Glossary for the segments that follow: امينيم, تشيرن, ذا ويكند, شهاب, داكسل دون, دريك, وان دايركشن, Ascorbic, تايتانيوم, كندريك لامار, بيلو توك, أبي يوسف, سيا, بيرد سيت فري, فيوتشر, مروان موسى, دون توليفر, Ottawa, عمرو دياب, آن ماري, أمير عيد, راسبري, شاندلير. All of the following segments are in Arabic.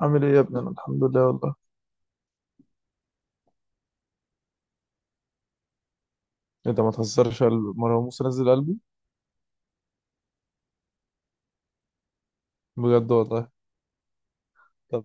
عامل ايه يا ابني، انا الحمد لله والله. انت ما تهزرش قلبي، مروان موسى نزل قلبي بجد والله. طب.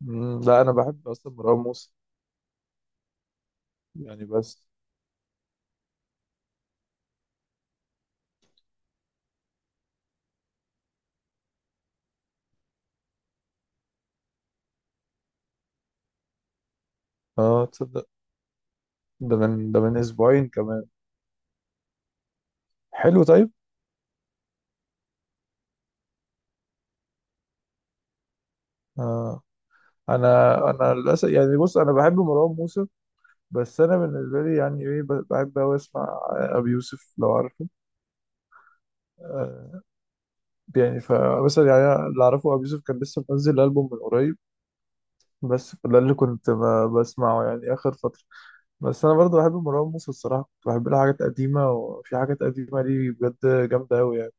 مم، لا انا بحب اصلا مروان موسى. يعني بس. اه، تصدق، ده من اسبوعين كمان. حلو، طيب. اه، انا للاسف، يعني بص، انا بحب مروان موسى. بس انا بالنسبه لي يعني ايه، بحب اوي اسمع ابي يوسف لو عارفه. آه. يعني فمثلا، يعني أنا اللي اعرفه، ابي يوسف كان لسه منزل البوم من قريب. بس ده اللي كنت بسمعه يعني اخر فتره. بس انا برضو بحب مروان موسى الصراحه، كنت بحب له حاجات قديمه، وفي حاجات قديمه ليه بجد جامده قوي يعني.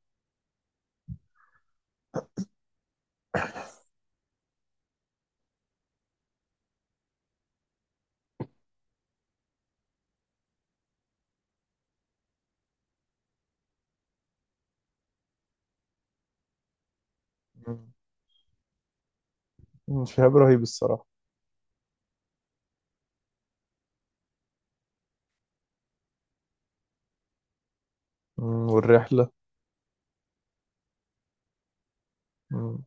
مم. شهاب رهيب الصراحه. والرحله. مم.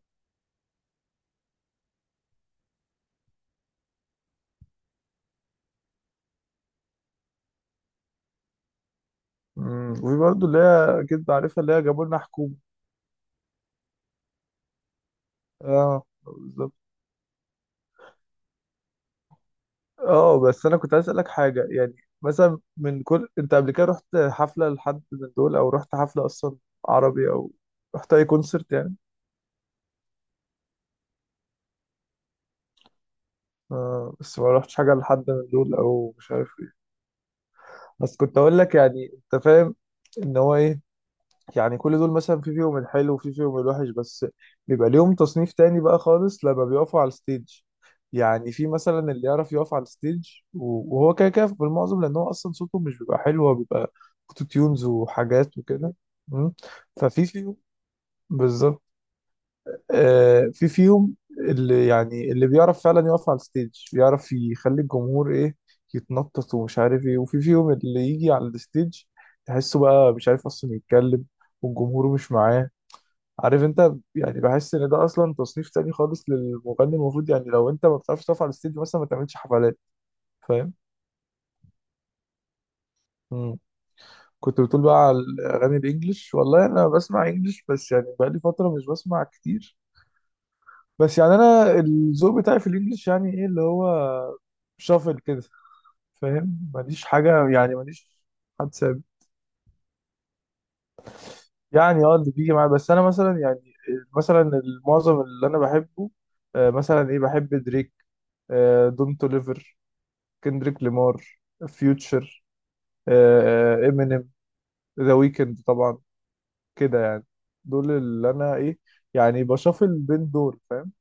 وفي برضو اللي هي اكيد عارفها، اللي هي جابوا لنا حكومه. اه، بالظبط. اه، بس انا كنت عايز اسالك حاجه يعني. مثلا من كل، انت قبل كده رحت حفله لحد من دول، او رحت حفله اصلا؟ عربي او رحت اي كونسرت يعني؟ آه، بس ما رحتش حاجه لحد من دول، او مش عارف ايه. بس كنت اقول لك، يعني انت فاهم ان هو ايه، يعني كل دول مثلا في فيهم الحلو وفي فيهم الوحش، بس بيبقى ليهم تصنيف تاني بقى خالص لما بيقفوا على الستيج. يعني في مثلا اللي يعرف يقف على الستيج، وهو كده كده بالمعظم، لان هو اصلا صوته مش بيبقى حلو، هو بيبقى اوتو تيونز وحاجات وكده. مم. ففي فيهم، بالظبط. آه، في فيهم اللي يعني اللي بيعرف فعلا يقف على الستيج، بيعرف يخلي الجمهور ايه، يتنطط ومش عارف ايه. وفي فيهم اللي يجي على الستيج تحسه بقى مش عارف اصلا يتكلم، والجمهور مش معاه. عارف انت يعني، بحس ان ده اصلا تصنيف تاني خالص للمغني، المفروض يعني لو انت ما بتعرفش تقف على الستيج مثلا ما تعملش حفلات. فاهم. مم. كنت بتقول بقى على الاغاني الانجليش. والله انا بسمع انجليش، بس يعني بقالي فتره مش بسمع كتير. بس يعني انا الذوق بتاعي في الانجليش يعني ايه، اللي هو شافل كده، فاهم. ماليش حاجه، يعني ماليش حد ثابت. يعني اه، اللي بيجي معايا. بس انا مثلا يعني، مثلا المعظم اللي انا بحبه، مثلا ايه، بحب دريك، دون توليفر، كندريك لامار، فيوتشر، امينيم، ذا ويكند طبعا، كده يعني. دول اللي انا ايه، يعني بشوفل بين دول، فاهم.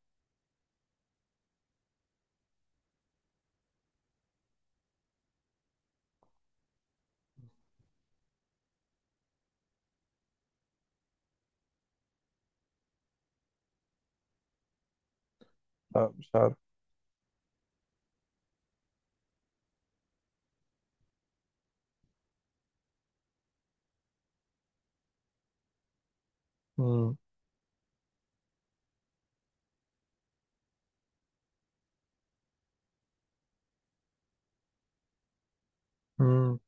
لا مش عارف. مم. مم.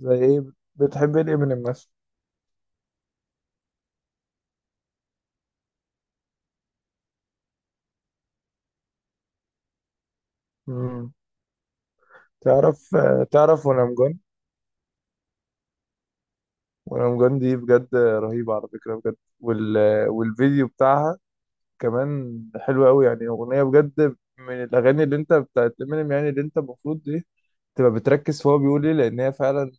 زي ايه؟ بتحب ايه امينيم مثلا؟ مم. تعرف وانا مجن. وانا مجن دي بجد رهيبة على فكرة، بجد، والفيديو بتاعها كمان حلو قوي، يعني اغنية بجد من الاغاني اللي انت بتاعت امينيم، يعني اللي انت المفروض ايه، تبقى بتركز في هو بيقول ايه، لان هي فعلا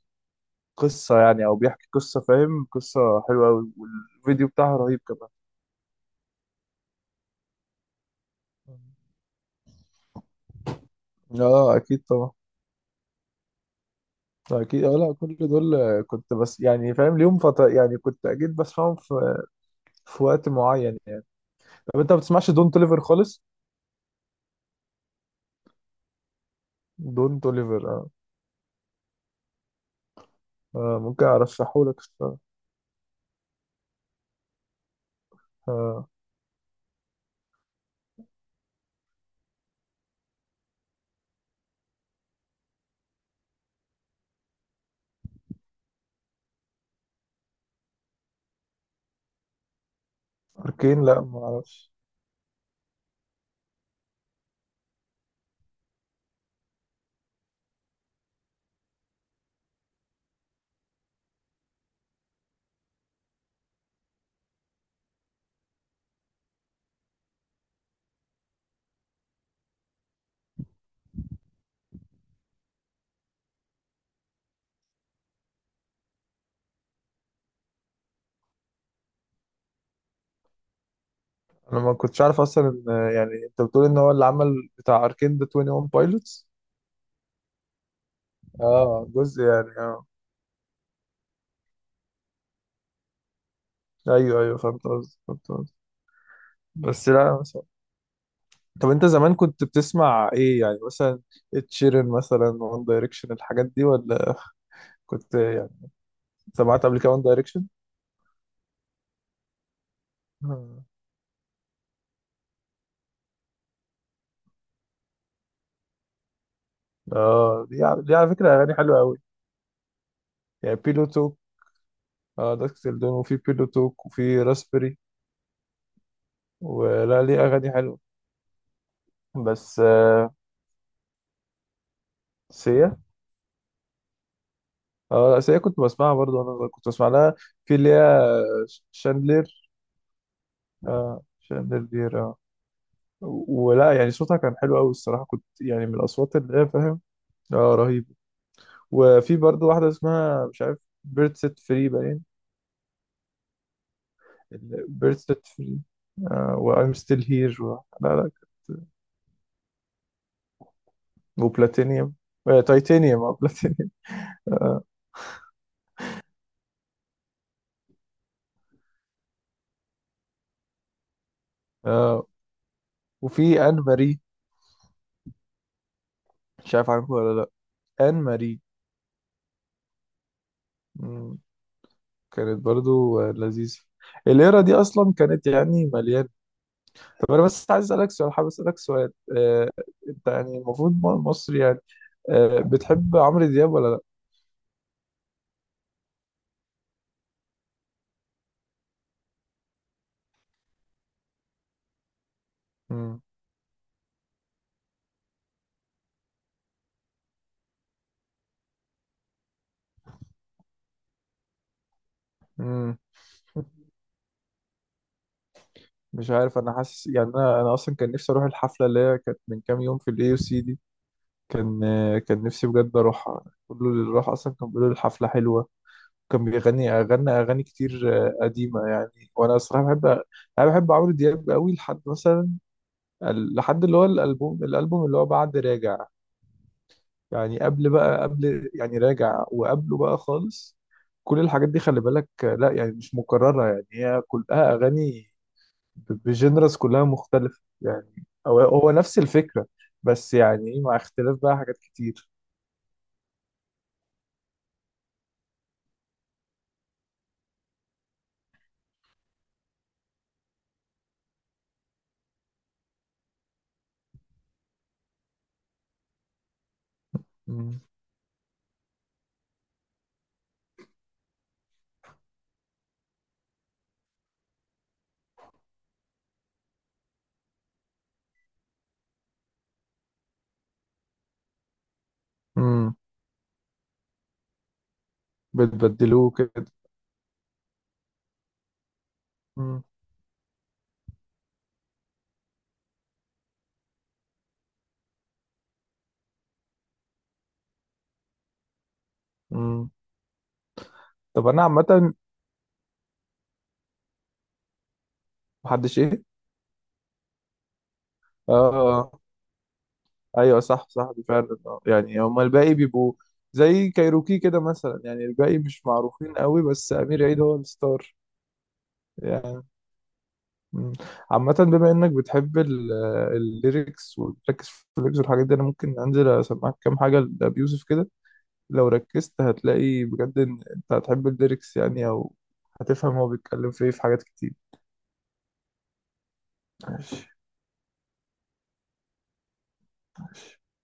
قصة، يعني أو بيحكي قصة، فاهم، قصة حلوة أوي، والفيديو بتاعها رهيب كمان. اه، اكيد طبعا. اكيد اه، لا كل دول كنت بس يعني فاهم، ليهم فترة يعني، كنت اكيد بسمعهم في وقت معين يعني. طب انت ما بتسمعش دون توليفر خالص؟ دون توليفر، اه. ممكن ارشحهولك الصراحة. آه. اركين، لا ما اعرفش. انا ما كنتش عارف اصلا ان يعني انت بتقول ان هو اللي عمل بتاع اركين ده 21 بايلوتس. اه، جزء يعني اه. ايوه ايوه، فهمت قصدي، فهمت قصدي. بس لا. طب انت زمان كنت بتسمع ايه يعني مثلا؟ تشيرن مثلا، وان دايركشن، الحاجات دي ولا؟ كنت يعني سمعت قبل كده وان دايركشن. اه، دي على فكرة اغاني حلوة قوي، يعني بيلو توك. اه، داكسل دون، وفي بيلو توك، وفي راسبري ولا، ليه اغاني حلوة. بس، سيا. اه، لا، سيا كنت بسمعها برضه وانا صغير، كنت بسمع لها في اللي هي شاندلير. اه، شاندلير اه. ولا يعني صوتها كان حلو قوي الصراحة، كنت يعني من الاصوات اللي هي فاهم. اه، رهيب. وفي برضه واحدة اسمها مش عارف، بيرد سيت فري باين، بيرد سيت فري، وأيم ستيل هير لا لا. وبلاتينيوم. تايتانيوم، اه بلاتينيوم. آه. وفي آن ماري. مش عارف عارفه ولا لا. آن ماري. مم. كانت برضه لذيذة. الليرة دي أصلا كانت يعني مليانة. طب أنا بس عايز أسألك سؤال، حابب أسألك سؤال، أنت يعني المفروض مصري يعني، بتحب عمرو دياب ولا لا؟ مم. مم. مش عارف، انا حاسس يعني، انا اصلا كان نفسي اروح الحفله اللي هي كانت من كام يوم في الاي سي دي. كان. كان نفسي بجد اروحها، كله اللي راح اصلا كان بيقول الحفله حلوه، كان بيغني اغنى اغاني كتير قديمه يعني، وانا الصراحه بحب، انا بحب عمرو دياب قوي لحد مثلا، لحد اللي هو الالبوم اللي هو بعد راجع، يعني قبل بقى، قبل يعني راجع وقبله بقى خالص. كل الحاجات دي، خلي بالك، آه لا يعني مش مكرره، يعني هي كلها اغاني بجنرس، كلها مختلفة يعني، هو هو نفس الفكرة، بس يعني إيه، مع اختلاف بقى حاجات كتير. مم. مم. بتبدلوه كده. مم. مم. طب أنا عامة، محدش إيه؟ آه. آه. أيوه، صح صح، دي فعلا. يعني هما الباقي بيبقوا زي كايروكي كده مثلا، يعني الباقي مش معروفين قوي، بس أمير عيد هو الستار. يعني. مم. عامة، بما إنك بتحب الليركس وبتركز في الليركس والحاجات دي، أنا ممكن أنزل أسمعك كام حاجة لأبي يوسف كده. لو ركزت هتلاقي بجد ان انت هتحب الليركس، يعني او هتفهم هو بيتكلم في ايه، في حاجات كتير. ماشي. ماشي.